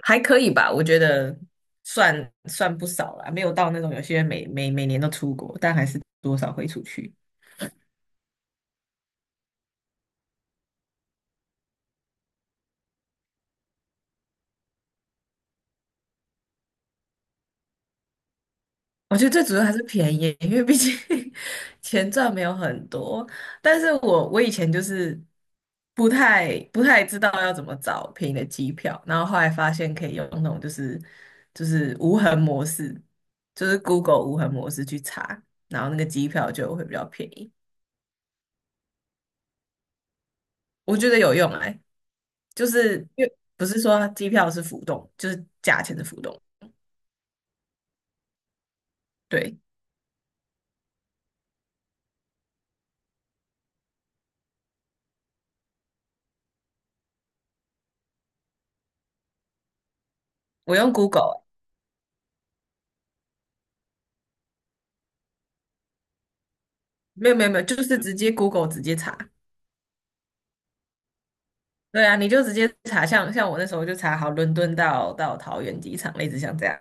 还可以吧，我觉得算不少啦，没有到那种有些人每年都出国，但还是多少会出去。我觉得最主要还是便宜，因为毕竟 钱赚没有很多。但是我以前就是不太知道要怎么找便宜的机票，然后后来发现可以用那种就是无痕模式，就是 Google 无痕模式去查，然后那个机票就会比较便宜。我觉得有用哎，就是因为不是说机票是浮动，就是价钱的浮动。对，我用 Google，欸没有没有没有，就是直接 Google 直接查，对啊，你就直接查，像我那时候就查好伦敦到桃园机场，类似像这样，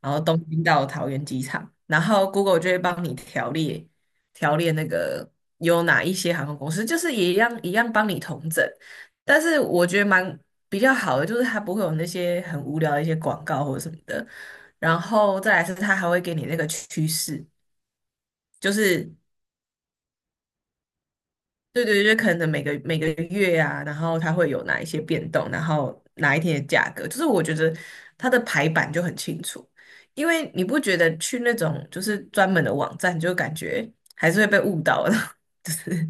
然后东京到桃园机场，然后 Google 就会帮你条列条列那个有哪一些航空公司，就是也一样一样帮你统整，但是我觉得蛮比较好的，就是它不会有那些很无聊的一些广告或者什么的，然后再来是它还会给你那个趋势，就是。对对，就是可能每个月啊，然后它会有哪一些变动，然后哪一天的价格，就是我觉得它的排版就很清楚，因为你不觉得去那种就是专门的网站，就感觉还是会被误导的，就是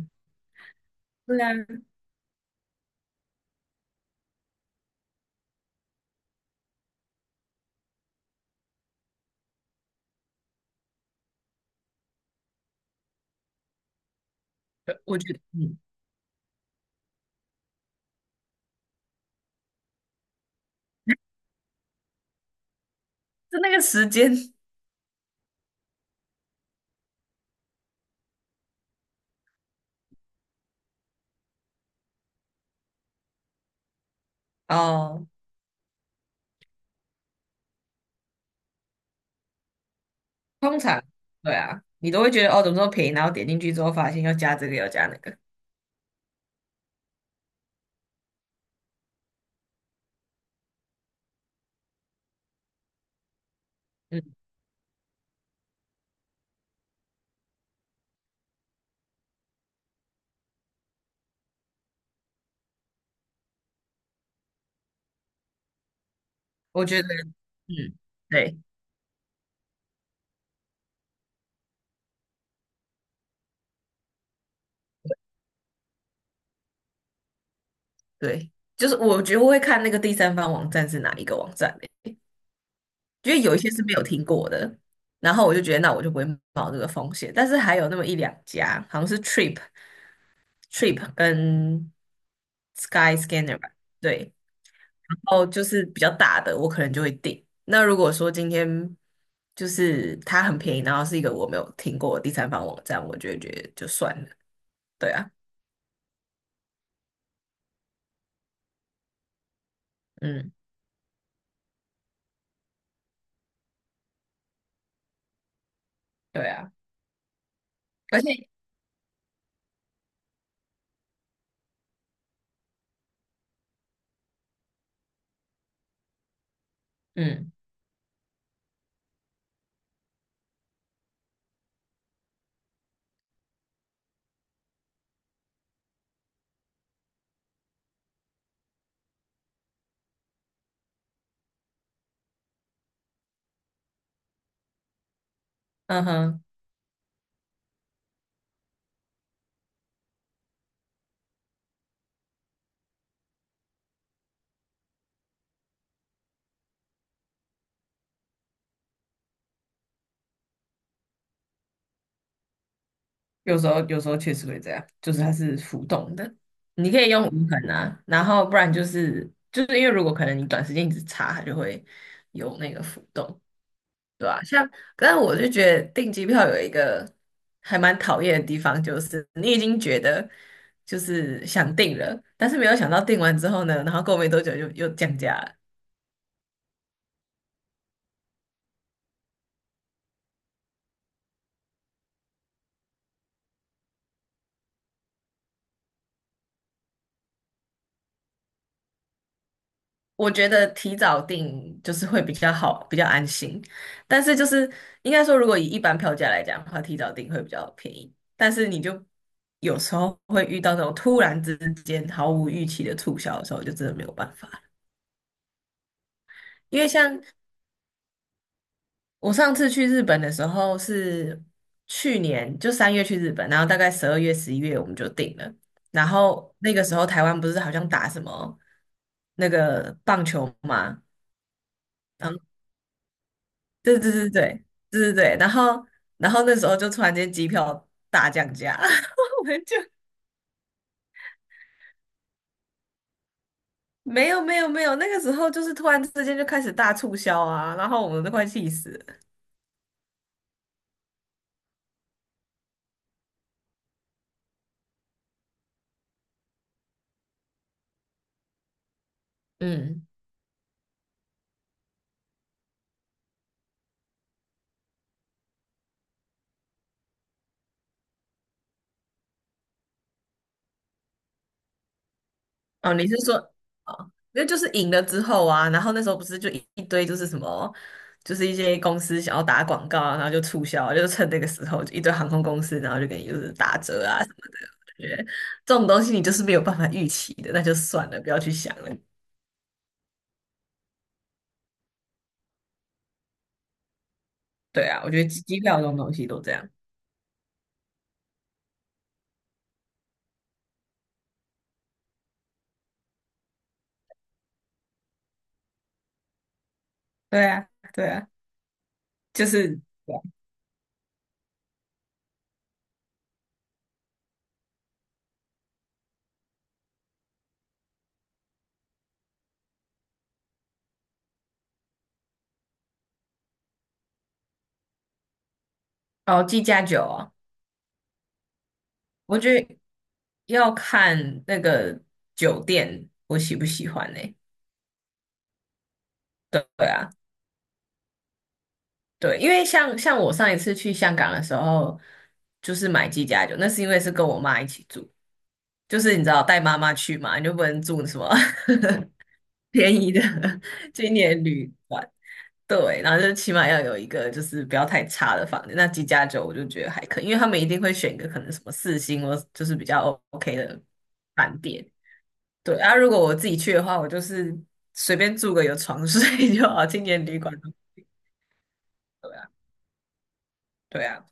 对啊，我觉得，嗯，就那个时间哦，通常对啊，你都会觉得哦，怎么这么便宜，然后点进去之后发现要加这个要加那个，嗯，我觉得，嗯，对对，就是我觉得我会看那个第三方网站是哪一个网站。因为有一些是没有听过的，然后我就觉得那我就不会冒这个风险，但是还有那么一两家，好像是 Trip、Trip 跟 Sky Scanner 吧，对，然后就是比较大的，我可能就会订。那如果说今天就是它很便宜，然后是一个我没有听过的第三方网站，我就会觉得就算了，对啊，嗯，对啊，而且嗯嗯哼。有时候确实会这样，就是它是浮动的，你可以用无痕啊，然后不然就是因为如果可能你短时间一直查，它就会有那个浮动，对吧，像，但我就觉得订机票有一个还蛮讨厌的地方，就是你已经觉得就是想订了，但是没有想到订完之后呢，然后过没多久就又降价了。我觉得提早订就是会比较好，比较安心。但是就是应该说，如果以一般票价来讲的话，提早订会比较便宜。但是你就有时候会遇到那种突然之间毫无预期的促销的时候，就真的没有办法。因为像我上次去日本的时候是去年就三月去日本，然后大概十二月、十一月我们就订了。然后那个时候台湾不是好像打什么那个棒球嘛？对对对对对对对，然后然后那时候就突然间机票大降价，我们就没有没有没有，那个时候就是突然之间就开始大促销啊，然后我们都快气死了。嗯，哦，你是说哦，那就是赢了之后啊，然后那时候不是就一堆就是什么，就是一些公司想要打广告啊，然后就促销啊，就趁那个时候就一堆航空公司，然后就给你就是打折啊什么的。我觉得这种东西你就是没有办法预期的，那就算了，不要去想了。对啊，我觉得机票这种东西都这样。对啊，对啊，就是哦，计价酒啊，我觉得要看那个酒店我喜不喜欢呢，对对啊，对，因为像我上一次去香港的时候，就是买鸡架酒，那是因为是跟我妈一起住，就是你知道带妈妈去嘛，你就不能住什么 便宜的 青年旅馆，对，然后就起码要有一个就是不要太差的房子。那几家酒我就觉得还可以，因为他们一定会选一个可能什么四星或就是比较 OK 的饭店。对，啊，如果我自己去的话，我就是随便住个有床睡 就好，青年旅馆。对啊，对啊，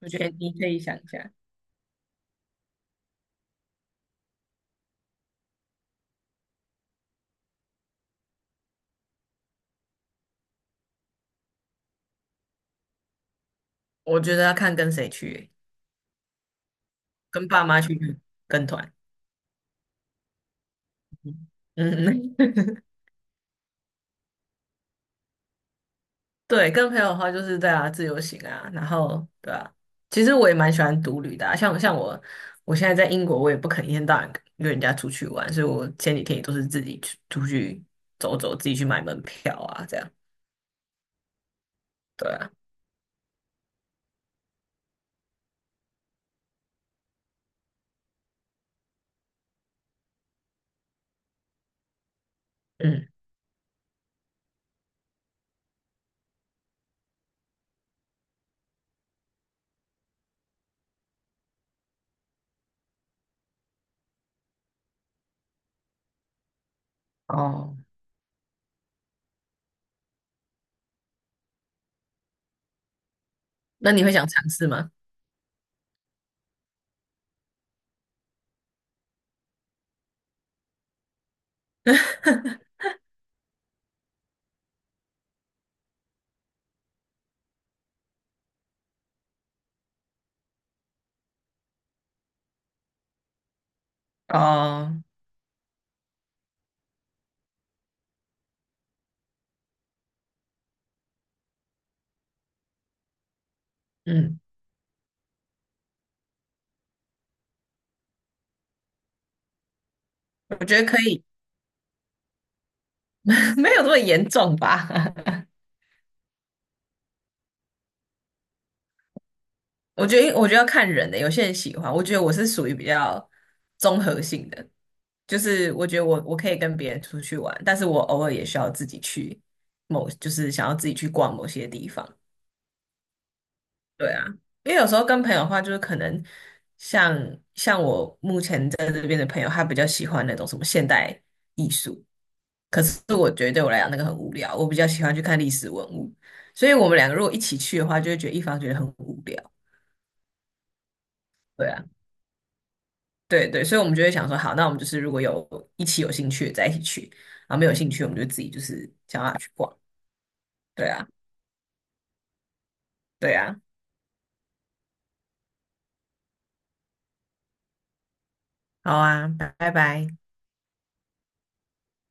我觉得你可以想一下，我觉得要看跟谁去欸跟爸妈去跟团，嗯。对，跟朋友的话就是对啊，自由行啊，然后对啊，其实我也蛮喜欢独旅的啊，像我，我现在在英国，我也不肯一天到晚约人家出去玩，所以我前几天也都是自己去出去走走，自己去买门票啊，这样，对啊，嗯，哦，那你会想尝试吗？哦，嗯，我觉得可以，没有这么严重吧？我觉得，我觉得要看人的，有些人喜欢，我觉得我是属于比较综合性的，就是我觉得我可以跟别人出去玩，但是我偶尔也需要自己去某，就是想要自己去逛某些地方。对啊，因为有时候跟朋友的话，就是可能像像我目前在这边的朋友，他比较喜欢那种什么现代艺术，可是我觉得对我来讲那个很无聊，我比较喜欢去看历史文物，所以我们两个如果一起去的话，就会觉得一方觉得很无聊。对啊，对对，所以我们就会想说，好，那我们就是如果有一起有兴趣的再一起去，然后没有兴趣，我们就自己就是想要去逛。对啊，对啊，好啊，拜拜。